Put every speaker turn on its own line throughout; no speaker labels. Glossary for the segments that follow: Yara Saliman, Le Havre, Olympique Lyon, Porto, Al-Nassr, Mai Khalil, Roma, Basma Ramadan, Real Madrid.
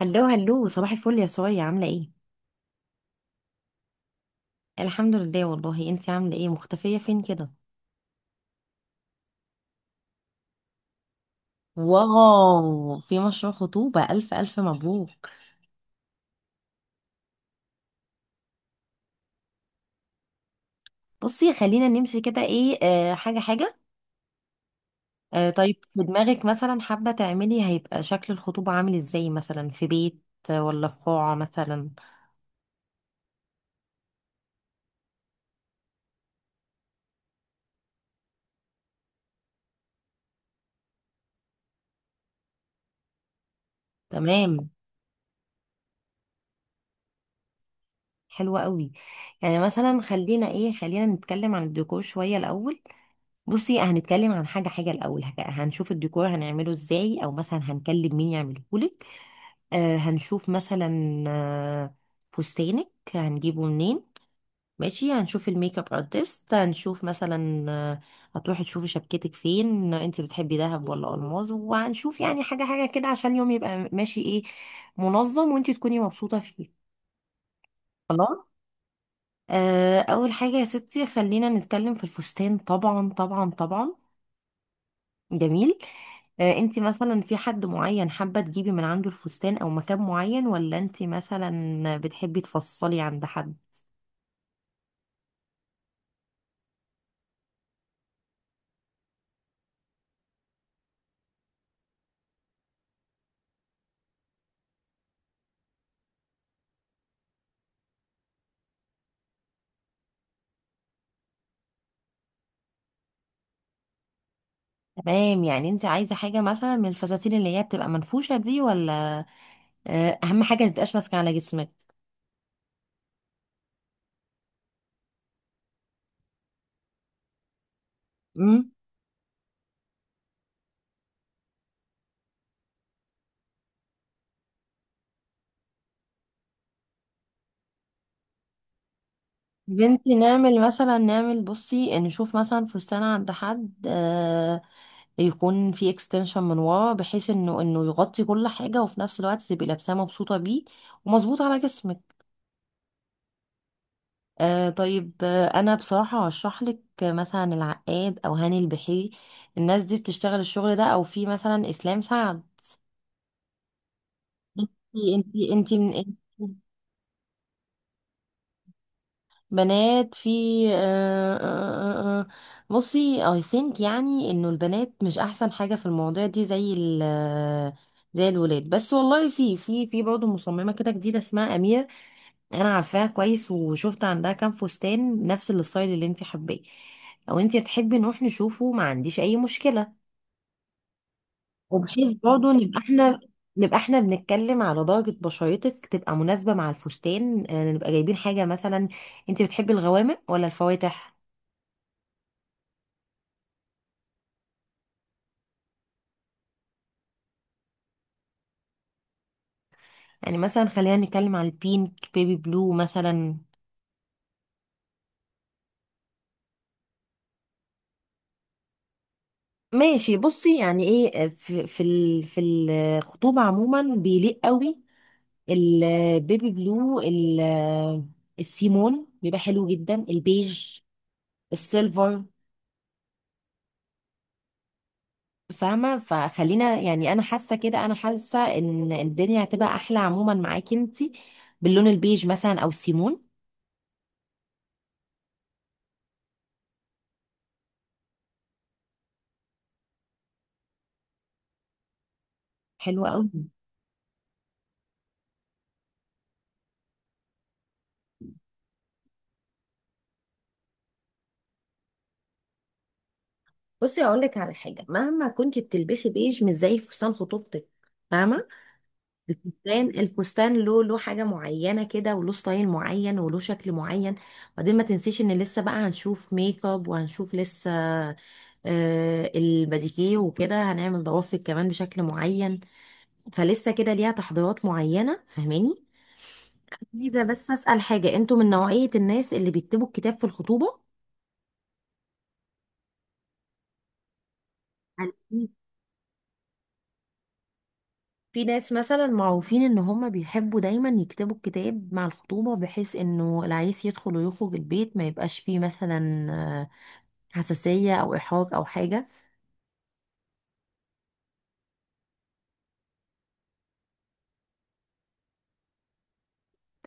هلو هلو، صباح الفل يا سوريا، عاملة ايه؟ الحمد لله والله. انتي عاملة ايه مختفية فين كده؟ واو، في مشروع خطوبة! ألف ألف مبروك. بصي خلينا نمشي كده، ايه حاجة حاجة. طيب في دماغك مثلا حابة تعملي، هيبقى شكل الخطوبة عامل ازاي؟ مثلا في بيت ولا في قاعة مثلا؟ تمام، حلوة قوي. يعني مثلا خلينا ايه، خلينا نتكلم عن الديكور شوية الأول. بصي هنتكلم عن حاجة حاجة الأول، هنشوف الديكور هنعمله ازاي، أو مثلا هنكلم مين يعمله. هنشوف مثلا، فستانك هنجيبه منين. ماشي، هنشوف الميك اب ارتست، هنشوف مثلا، هتروحي تشوفي شبكتك فين، انت بتحبي دهب ولا الماظ. وهنشوف يعني حاجه حاجه كده عشان اليوم يبقى ماشي، ايه، منظم، وانت تكوني مبسوطه فيه. خلاص، اول حاجه يا ستي خلينا نتكلم في الفستان. طبعا طبعا طبعا، جميل. انت مثلا في حد معين حابة تجيبي من عنده الفستان او مكان معين، ولا انت مثلا بتحبي تفصلي عند حد؟ تمام، يعني انت عايزة حاجة مثلا من الفساتين اللي هي بتبقى منفوشة دي ولا؟ اهم حاجة ما تبقاش ماسكة على جسمك. امم بنتي نعمل مثلا، نعمل، بصي نشوف مثلا فستان عند حد يكون في اكستنشن من ورا، بحيث انه يغطي كل حاجة، وفي نفس الوقت تبقي لابساه مبسوطة بيه ومظبوط على جسمك. طيب، انا بصراحه هشرح لك مثلا العقاد او هاني البحيري، الناس دي بتشتغل الشغل ده، او في مثلا اسلام سعد. انتي من انتي؟ بنات في. آه آه آه آه. بصي I think يعني انه البنات مش احسن حاجه في المواضيع دي زي ال، زي الولاد. بس والله في برضه مصممه كده جديده اسمها اميره، انا عارفاها كويس، وشفت عندها كام فستان نفس الستايل اللي انت حباه. لو انت تحبي نروح نشوفه ما عنديش اي مشكلة. وبحيث برضه نبقى احنا بنتكلم على درجة بشرتك تبقى مناسبة مع الفستان. نبقى جايبين حاجة مثلا، انت بتحبي الغوامق ولا الفواتح؟ يعني مثلا خلينا نتكلم على البينك، بيبي بلو مثلا. ماشي، بصي يعني ايه، في في الخطوبة عموما بيليق قوي البيبي بلو، السيمون بيبقى حلو جدا، البيج، السيلفر. فاهمة؟ فخلينا يعني، أنا حاسة كده، أنا حاسة إن الدنيا هتبقى أحلى عموما معاكي انتي باللون البيج مثلا أو السيمون. حلو أوي. بصي أقول لك على حاجة، مهما كنتي بتلبسي بيج مش زي فستان خطوبتك، فاهمة؟ الفستان له حاجة معينة كده، وله ستايل معين، وله شكل معين. وبعدين ما تنسيش ان لسه بقى هنشوف ميك اب، وهنشوف لسه، الباديكيه وكده، هنعمل ضوافر كمان بشكل معين. فلسه كده ليها تحضيرات معينة، فاهماني؟ عايزة بس أسأل حاجة، انتوا من نوعية الناس اللي بيكتبوا الكتاب في الخطوبة؟ يعني في ناس مثلا معروفين ان هم بيحبوا دايما يكتبوا الكتاب مع الخطوبة، بحيث انه العريس يدخل ويخرج البيت ما يبقاش فيه مثلا حساسية او احراج او حاجة.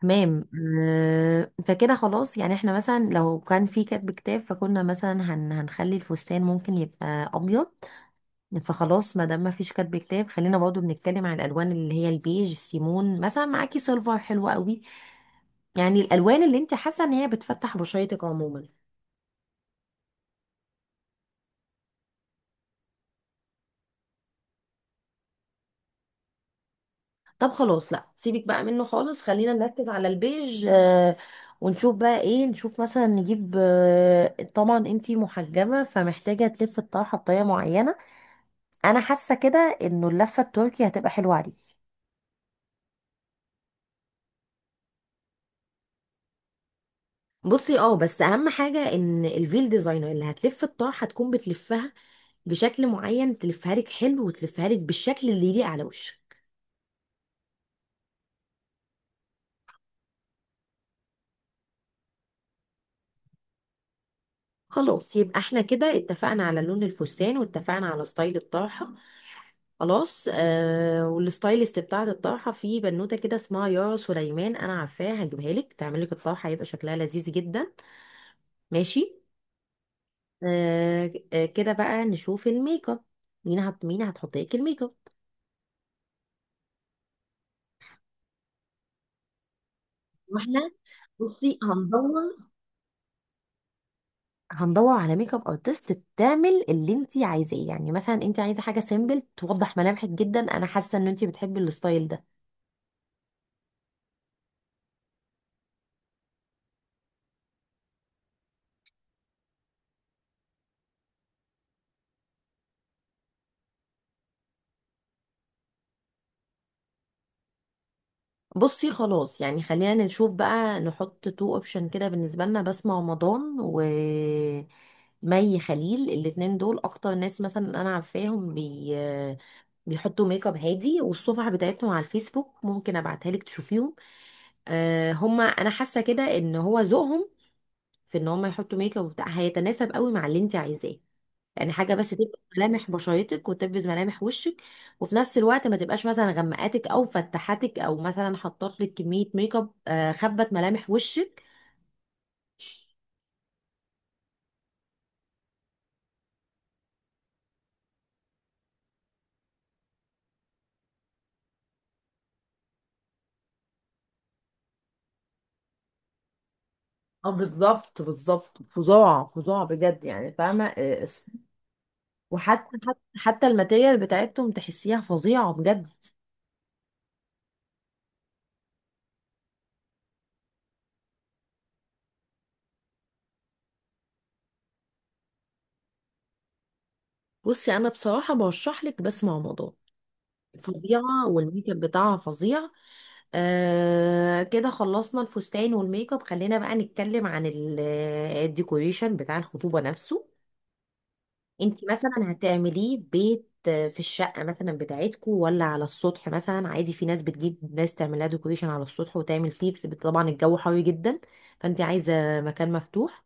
تمام. فكده خلاص، يعني احنا مثلا لو كان في كاتب كتاب فكنا مثلا هنخلي الفستان ممكن يبقى ابيض. فخلاص ما دام ما فيش كاتب كتاب، خلينا برضو بنتكلم عن الالوان اللي هي البيج، السيمون مثلا، معاكي سيلفر حلو قوي. يعني الالوان اللي انت حاسه ان هي بتفتح بشرتك عموما. طب خلاص، لا، سيبك بقى منه خالص، خلينا نركز على البيج. ونشوف بقى ايه، نشوف مثلا نجيب، طبعا انتي محجبه فمحتاجه تلف الطرحه بطريقه معينه. انا حاسه كده انه اللفه التركي هتبقى حلوه عليكي. بصي اه، بس اهم حاجه ان الفيل ديزاينر اللي هتلف الطرحه هتكون بتلفها بشكل معين، تلفها لك حلو، وتلفها لك بالشكل اللي يليق على وشك. خلاص، يبقى احنا كده اتفقنا على لون الفستان، واتفقنا على ستايل الطرحه. خلاص. والستايلست بتاعه الطرحه في بنوته كده اسمها يارا سليمان، انا عارفاها، هجيبها لك تعمل لك الطرحه، هيبقى شكلها لذيذ جدا. ماشي. كده بقى نشوف الميك اب، مين هتحط لك الميك اب. واحنا بصي هندور، على ميك اب ارتست تعمل اللي انت عايزاه. يعني مثلا انت عايزه حاجه سيمبل، توضح ملامحك جدا، انا حاسه ان انت بتحبي الستايل ده. بصي خلاص، يعني خلينا نشوف بقى، نحط تو اوبشن كده بالنسبه لنا، بسمة رمضان و مي خليل. الاتنين دول اكتر ناس مثلا انا عارفاهم بيحطوا ميك اب هادي، والصفح بتاعتهم على الفيسبوك ممكن ابعتها لك تشوفيهم. هما انا حاسه كده ان هو ذوقهم في ان هما يحطوا ميك اب وبتاع هيتناسب قوي مع اللي انت عايزاه. يعني حاجه بس تبقى ملامح بشرتك، وتبرز ملامح وشك، وفي نفس الوقت ما تبقاش مثلا غمقاتك او فتحتك، او مثلا حطت لك كميه ميك اب خبت ملامح وشك. اه بالظبط، بالظبط، فظاع فظاع بجد، يعني فاهمة، وحتى حتى حتى الماتيريال بتاعتهم تحسيها فظيعة بجد. بصي انا بصراحه برشح لك بسمة رمضان، فظيعه، والميك اب بتاعها فظيع. كده خلصنا الفستان والميك اب، خلينا بقى نتكلم عن الديكوريشن بتاع الخطوبه نفسه. انت مثلا هتعمليه في بيت، في الشقه مثلا بتاعتكو، ولا على السطح؟ مثلا عادي في ناس بتجيب ناس تعملها ديكوريشن على السطح وتعمل فيه، بس طبعا الجو حر جدا، فانت عايزه مكان مفتوح.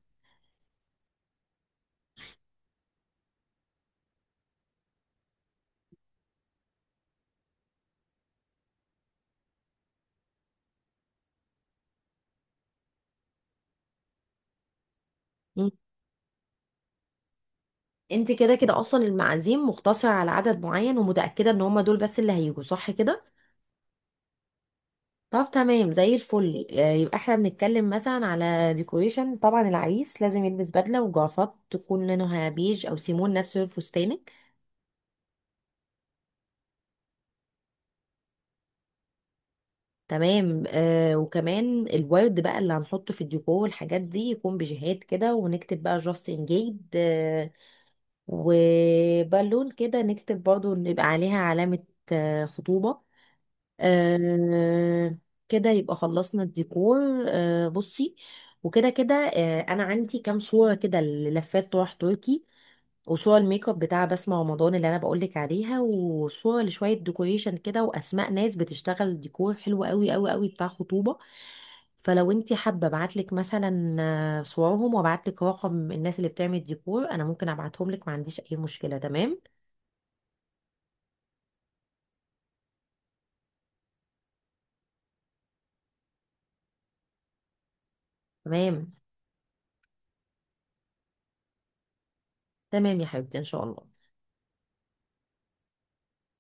انت كده كده اصلا المعازيم مقتصرة على عدد معين، ومتأكدة ان هما دول بس اللي هيجوا، صح كده؟ طب تمام زي الفل. يبقى احنا بنتكلم مثلا على ديكوريشن. طبعا العريس لازم يلبس بدلة وجرافات تكون لونها بيج او سيمون، نفس لون فستانك. تمام. وكمان الورد بقى اللي هنحطه في الديكور والحاجات دي يكون بجهات كده، ونكتب بقى جاست انجيجد. وبالون كده نكتب برضو إن يبقى عليها علامة، خطوبة. آه. كده يبقى خلصنا الديكور. بصي وكده كده انا عندي كام صورة كده للفات طرح تركي، وصورة الميك اب بتاع بسمة رمضان اللي انا بقولك عليها، وصورة لشوية ديكوريشن كده، واسماء ناس بتشتغل ديكور حلو قوي قوي قوي بتاع خطوبة. فلو انتي حابة ابعتلك مثلا صورهم، وابعتلك رقم الناس اللي بتعمل ديكور، انا ممكن ابعتهم لك ما عنديش اي مشكلة. تمام. تمام تمام يا حبيبتي، ان شاء الله.